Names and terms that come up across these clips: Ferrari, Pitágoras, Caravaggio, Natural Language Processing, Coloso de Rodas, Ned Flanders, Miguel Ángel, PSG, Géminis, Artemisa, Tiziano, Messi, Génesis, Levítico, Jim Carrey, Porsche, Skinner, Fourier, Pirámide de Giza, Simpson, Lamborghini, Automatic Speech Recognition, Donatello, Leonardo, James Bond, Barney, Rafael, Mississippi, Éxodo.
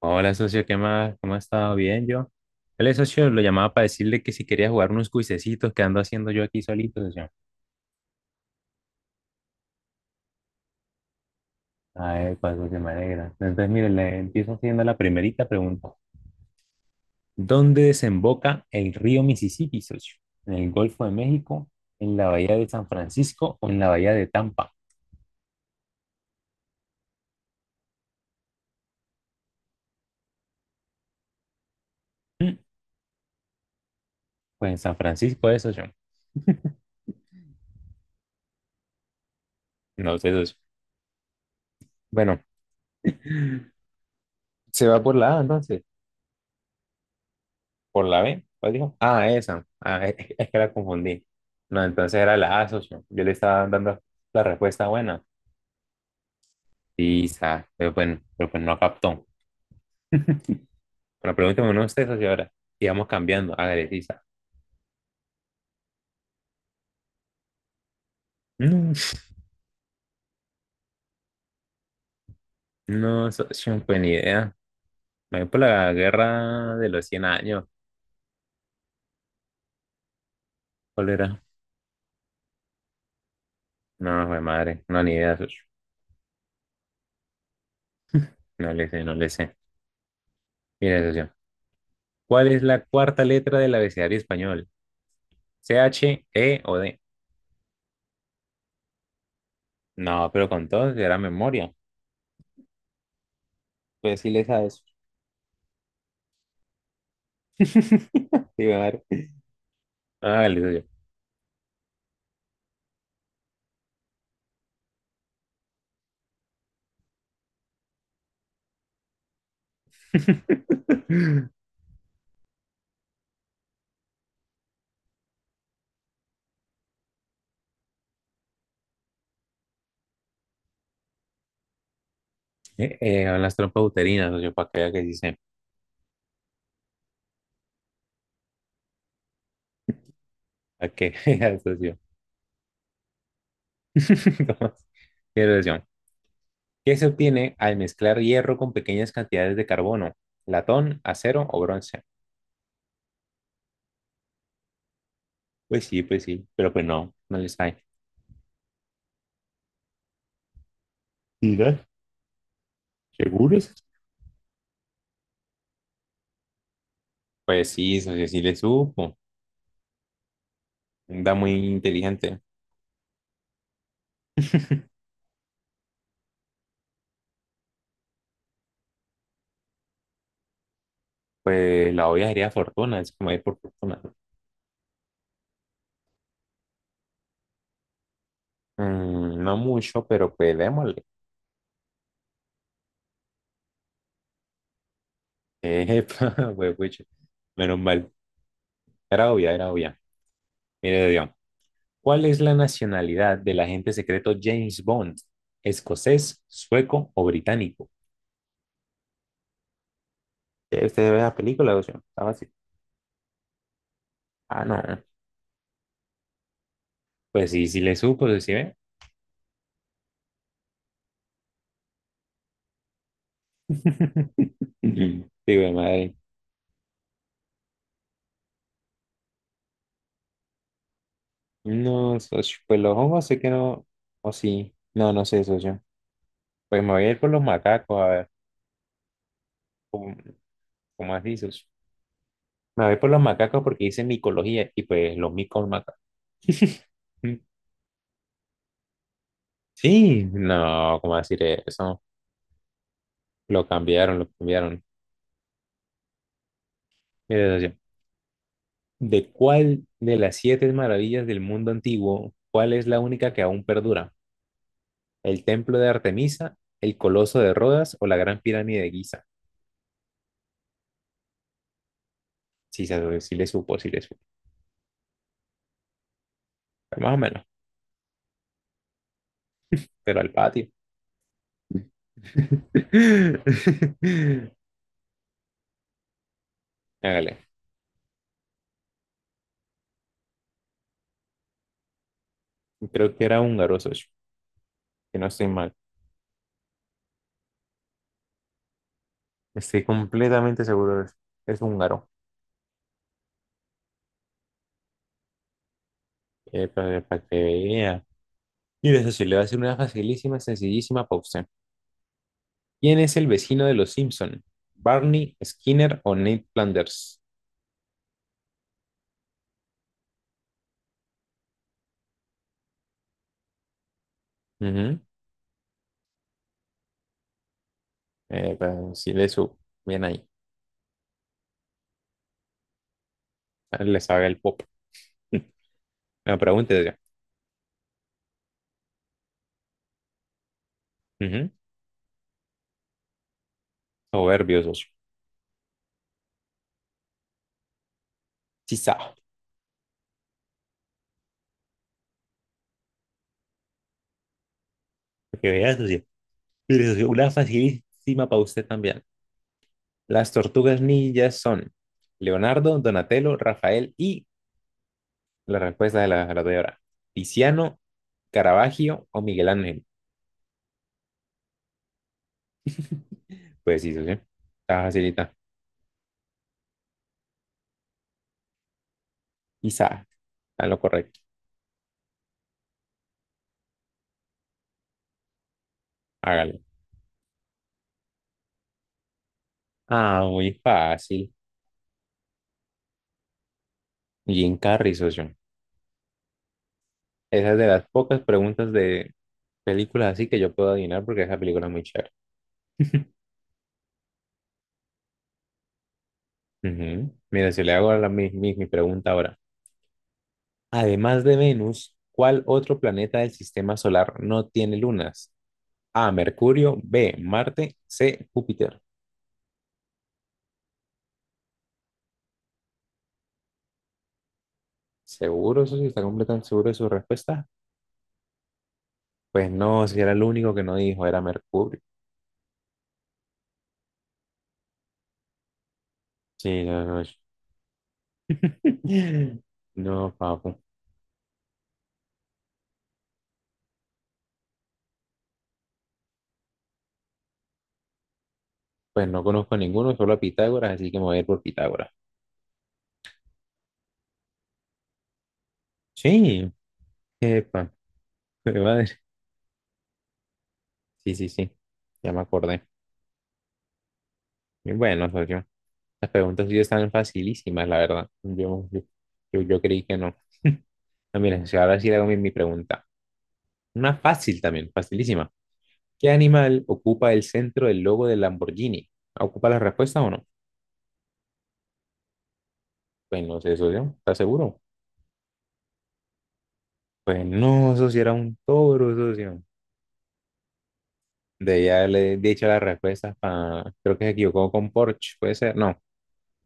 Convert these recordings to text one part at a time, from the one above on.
Hola, socio, ¿qué más? ¿Cómo ha estado? Bien, yo. El socio lo llamaba para decirle que si quería jugar unos cuisecitos que ando haciendo yo aquí solito, socio. Ay, pues, que me alegra. Entonces, mire, le empiezo haciendo la primerita pregunta. ¿Dónde desemboca el río Mississippi, socio? ¿En el Golfo de México, en la Bahía de San Francisco o en la Bahía de Tampa? Mm, Pues en San Francisco es, socio. No sé, socio. Bueno, se va por la A, entonces. Por la B, ¿cuál dijo? Ah, esa. Ah, es que la confundí. No, entonces era la A, socio. Yo le estaba dando la respuesta buena. Sí, sa, pero bueno, pero pues no captó. Bueno, pregúnteme uno usted, socio, ahora. Y vamos cambiando. Hágale, sí, sa. No, no, socio, pues ni idea. Me voy por la guerra de los 100 años. ¿Cuál era? No, fue madre. No, ni idea, socio. No le sé, no le sé. Mire, socio. ¿Cuál es la cuarta letra del abecedario español? ¿C H E o D? No, pero con todo si era memoria. Pues sí le sabes. Sí a ah Hágale, socio. A las trompas uterinas, socio, para que vea que sí sé. Para que vea, socio. ¿Cómo es? Mire, socio, ¿qué se obtiene al mezclar hierro con pequeñas cantidades de carbono? ¿Latón, acero o bronce? Pues sí, pero pues no, no les hay. Mira, ¿seguros? Pues sí, socio, sí, sí le supo. Anda muy inteligente. Pues la obvia sería fortuna, es como ir por fortuna, ¿no? No mucho, pero pues démosle. Epa, huepucha. Menos mal. Era obvia, era obvia. Mire, Dios. ¿Cuál es la nacionalidad del agente secreto James Bond? ¿Escocés, sueco o británico? Usted ve la película, socio. Está fácil. Ah, no. Pues sí, sí le supo, sí sí ve. Sí, güey, madre. No, socio. Pues los hongos sé que no. O sí. No, no sé, socio. Pues me voy a ir por los macacos, a ver. ¿Cómo, cómo así, socio? Me voy por los macacos porque dice micología y pues los micos macacos. Sí, no, ¿cómo decir eso? Lo cambiaron, lo cambiaron. Mira, socio, ¿de cuál de las siete maravillas del mundo antiguo, cuál es la única que aún perdura? ¿El templo de Artemisa, el coloso de Rodas o la gran pirámide de Giza? Sí, sí le supo, sí le supo. Más o menos, pero al patio. Hágale. Creo que era húngaro, socio. Que no estoy mal. Estoy completamente seguro de eso. Es húngaro. Para que vea. Y eso sí, le va a hacer una facilísima, sencillísima para usted. ¿Quién es el vecino de los Simpson? ¿Barney, Skinner o Ned Flanders? Ujú. Sí, le su. Bien ahí. Ah, le sabe el pop. La pregunta es ya. Ujú. Soberbio, socio. Sí sabe. Para que vea, socio. Mire, socio, una facilísima para usted también. Las tortugas ninjas son Leonardo, Donatello, Rafael y la respuesta de la doy ahora. Tiziano, Caravaggio o Miguel Ángel. Pues sí, sí, sí. Está facilita. Quizá. Está lo correcto. Hágalo. Ah, muy fácil. Jim Carrey, socio. Esa es de las pocas preguntas de películas así que yo puedo adivinar porque esa película es muy chévere. Ujú. Mira, si le hago ahora mi pregunta ahora. Además de Venus, ¿cuál otro planeta del sistema solar no tiene lunas? A, Mercurio; B, Marte; C, Júpiter. ¿Seguro? Eso sí, está completamente seguro de su respuesta. Pues no, si era el único que no dijo, era Mercurio. Sí, no, no. No, papu. Pues no conozco a ninguno, solo a Pitágoras, así que me voy a ir por Pitágoras. Sí, epa, qué madre. Sí, sí, sí, ya me acordé. Y bueno, socio, las preguntas sí están facilísimas, la verdad. Yo creí que no. Ah, mira, si ahora sí le hago mi pregunta. Una fácil también, facilísima. ¿Qué animal ocupa el centro del logo del Lamborghini? ¿Ocupa la respuesta o no? Pues no sé, socio, ¿estás seguro? Pues no, eso sí era un toro, socio. De ya le he dicho las respuestas. Para creo que se equivocó con Porsche, puede ser. No,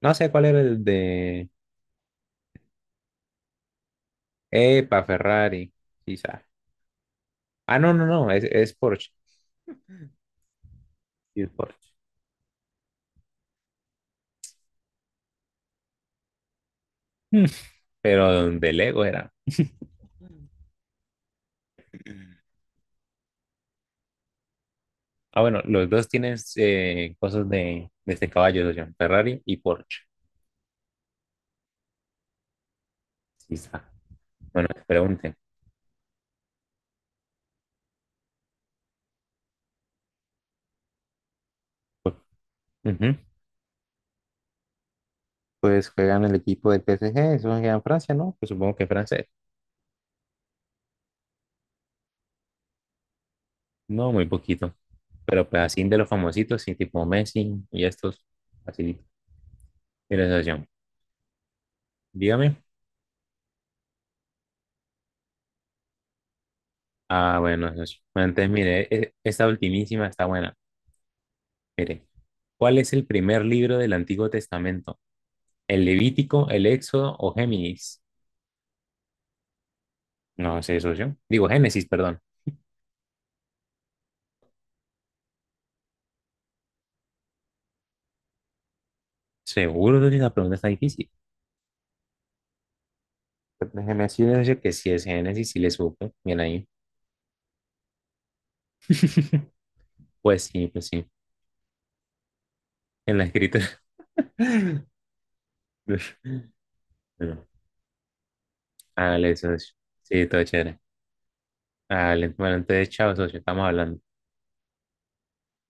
no sé cuál era el de... Epa, Ferrari, quizá. Ah, no, no, no, es Porsche. Sí, es Porsche. Mm. Pero de Lego era. Ah, bueno, los dos tienen cosas de este caballo, socio, Ferrari y Porsche, quizá. Bueno, pregunten. Pues, ujú. Pues juegan el equipo del PSG, eso juega en Francia, ¿no? Pues supongo que Francia. No, muy poquito. Pero pues así de los famositos, sí, tipo Messi y estos, así, mi sensación. Dígame. Ah, bueno, socio. Bueno, entonces mire, esta ultimísima está buena. Mire, ¿cuál es el primer libro del Antiguo Testamento? ¿El Levítico, el Éxodo o Géminis? No sé, socio. Digo, Génesis, perdón. Seguro que la pregunta está difícil. Pero déjeme decirle, socio, que si es Génesis, sí le supo. Bien ahí. Pues sí, pues sí. En la escritura. Bueno, hágale, socio. Sí, todo chévere. Ah, le- de entonces, chao, socio, estamos hablando.